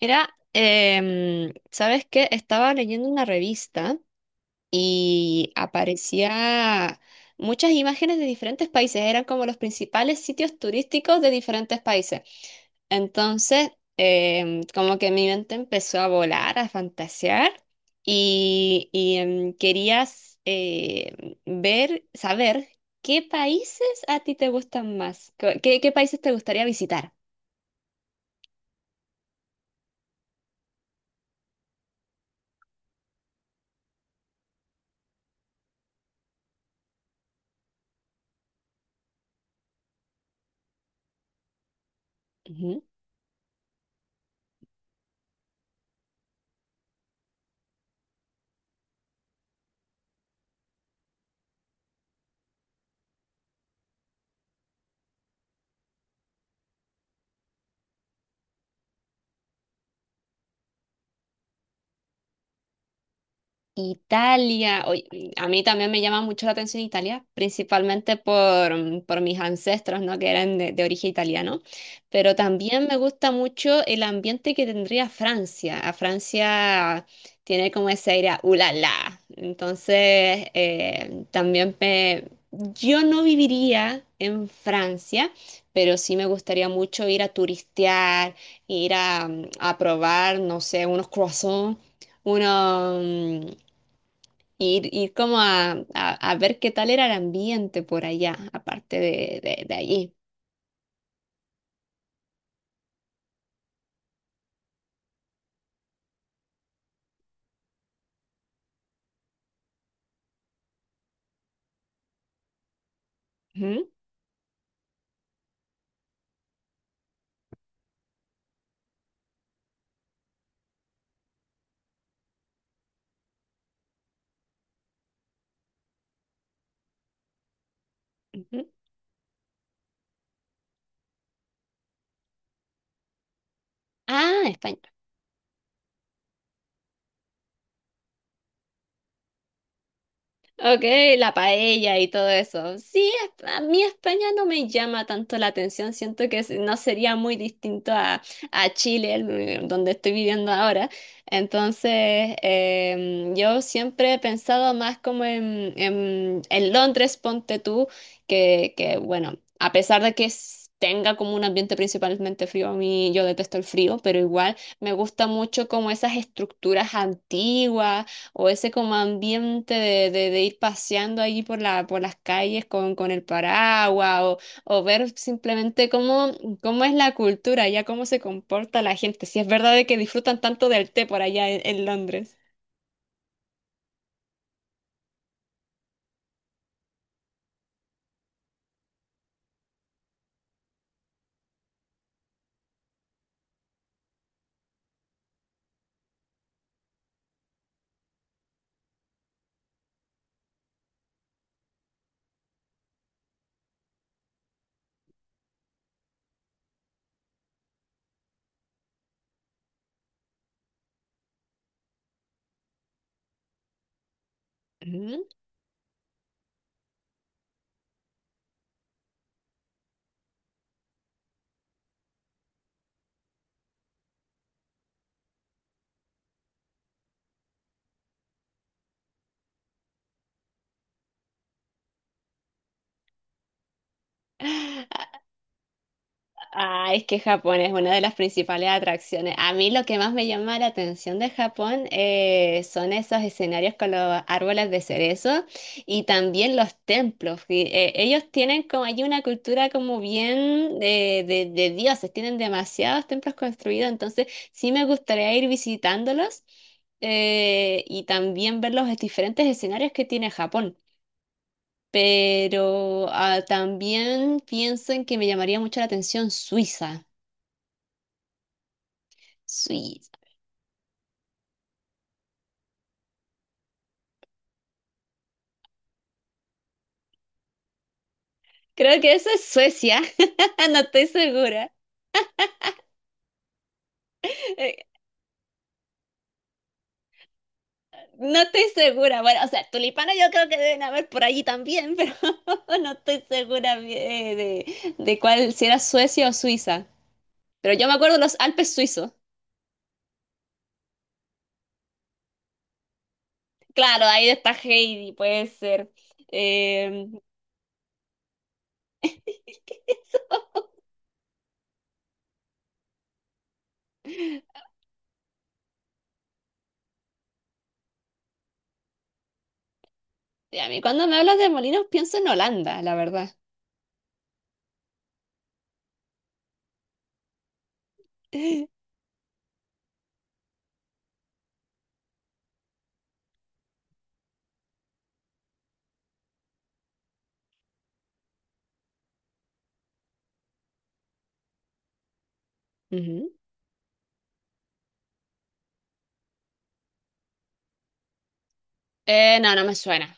Mira, ¿sabes qué? Estaba leyendo una revista y aparecía muchas imágenes de diferentes países, eran como los principales sitios turísticos de diferentes países. Entonces, como que mi mente empezó a volar, a fantasear y querías ver, saber qué países a ti te gustan más, qué países te gustaría visitar. Ujú. Italia, oye, a mí también me llama mucho la atención Italia, principalmente por, por mis ancestros, ¿no? Que eran de origen italiano, pero también me gusta mucho el ambiente que tendría Francia. A Francia tiene como ese aire a ulala, entonces también me... Yo no viviría en Francia, pero sí me gustaría mucho ir a turistear, ir a, a probar, no sé, unos croissants uno mm, ir como a ver qué tal era el ambiente por allá, aparte de allí. Ujú, ujú. Ah, España. Ok, la paella y todo eso. Sí, es- a mí España no me llama tanto la atención. Siento que se- no sería muy distinto a Chile, el- donde estoy viviendo ahora. Entonces, yo siempre he pensado más como en, en Londres, ponte tú, bueno, a pesar de que s- tenga como un ambiente principalmente frío, a mí yo detesto el frío, pero igual me gusta mucho como esas estructuras antiguas o ese como ambiente de ir paseando ahí por la, por las calles con el paraguas o ver simplemente cómo, cómo es la cultura, ya cómo se comporta la gente, si es verdad de que disfrutan tanto del té por allá en Londres. Ujú. Ah, es que Japón es una de las principales atracciones. A mí lo que más me llama la atención de Japón son esos escenarios con los árboles de cerezo y también los templos. Y, ellos tienen como allí una cultura como bien de dioses, tienen demasiados templos construidos, entonces sí me gustaría ir visitándolos y también ver los diferentes escenarios que tiene Japón. Pero ah, también pienso en que me llamaría mucho la atención Suiza. Suiza. Creo que eso es Suecia. No estoy segura. Eh, No estoy segura. Bueno, o sea, tulipanes yo creo que deben haber por allí también, pero no estoy segura de cuál, si era Suecia o Suiza. Pero yo me acuerdo de los Alpes suizos. Claro, ahí está Heidi, puede ser. Eh, y a mí cuando me hablas de molinos pienso en Holanda, la verdad. Ujú. No, no me suena.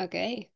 Ok.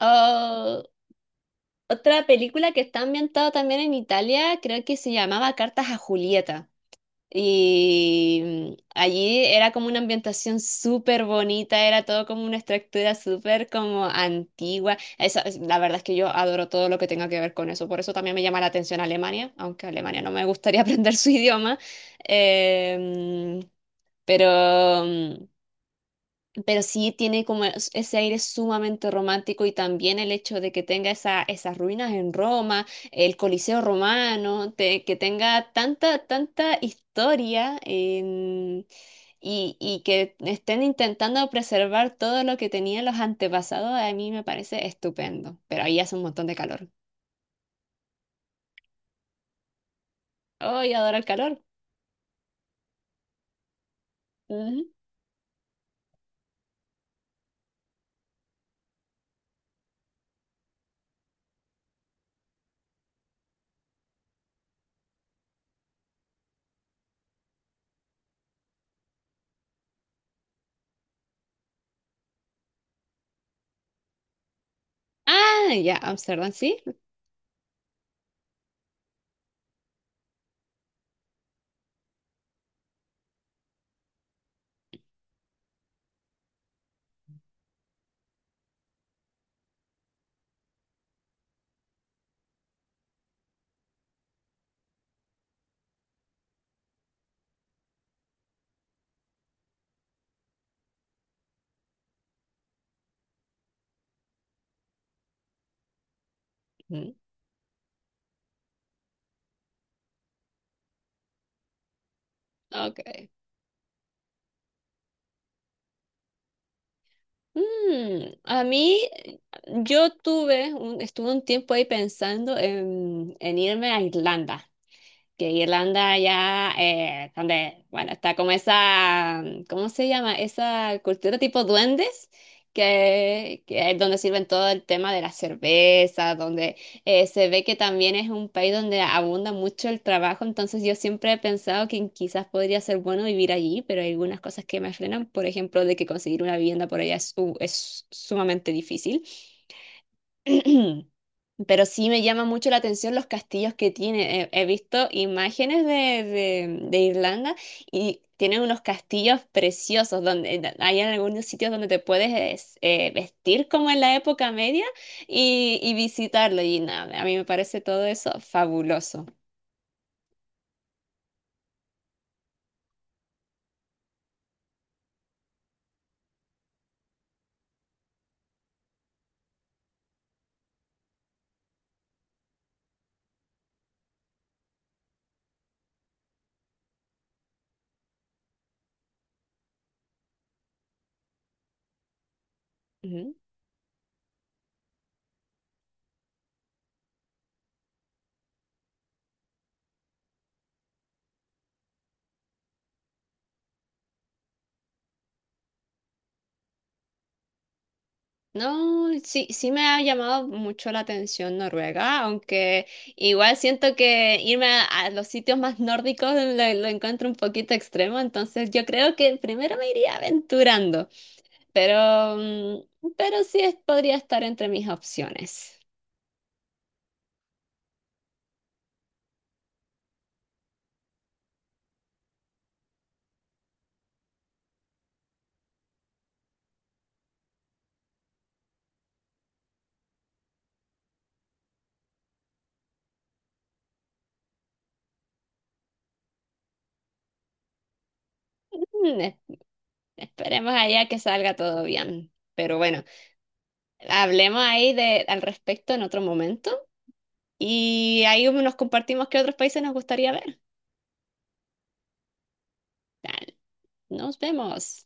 Oh, otra película que está ambientada también en Italia, creo que se llamaba Cartas a Julieta. Y allí era como una ambientación súper bonita, era todo como una estructura súper como antigua. Esa- es- la verdad es que yo adoro todo lo que tenga que ver con eso, por eso también me llama la atención Alemania, aunque Alemania no me gustaría aprender su idioma. Em, pero... mm, pero sí tiene como es- ese aire sumamente romántico y también el hecho de que tenga esa, esas ruinas en Roma, el Coliseo romano, te- que tenga tanta, tanta historia en- y que estén intentando preservar todo lo que tenían los antepasados, a mí me parece estupendo, pero ahí hace un montón de calor. ¡Ay, adoro el calor! Ujú. Ah, ya, Amsterdam, sí. Ujú. Ok. Mm, a mí, yo tuve, un- estuve un tiempo ahí pensando en irme a Irlanda que Irlanda ya, donde, bueno, está como esa, ¿cómo se llama? Esa cultura tipo duendes, que es donde sirven todo el tema de la cerveza, donde se ve que también es un país donde abunda mucho el trabajo, entonces yo siempre he pensado que quizás podría ser bueno vivir allí, pero hay algunas cosas que me frenan, por ejemplo, de que conseguir una vivienda por allá es, su- es sumamente difícil. Pero sí me llama mucho la atención los castillos que tiene. He, he visto imágenes de Irlanda y tienen unos castillos preciosos donde hay en algunos sitios donde te puedes es- vestir como en la época media y visitarlo. Y nada, a mí me parece todo eso fabuloso. No, sí, sí me ha llamado mucho la atención Noruega, aunque igual siento que irme a los sitios más nórdicos lo encuentro un poquito extremo, entonces yo creo que primero me iría aventurando, pero, pero sí es- podría estar entre mis opciones. Mm, es- esperemos allá que salga todo bien, pero bueno, hablemos ahí de, al respecto en otro momento y ahí nos compartimos qué otros países nos gustaría ver. Dale, nos vemos.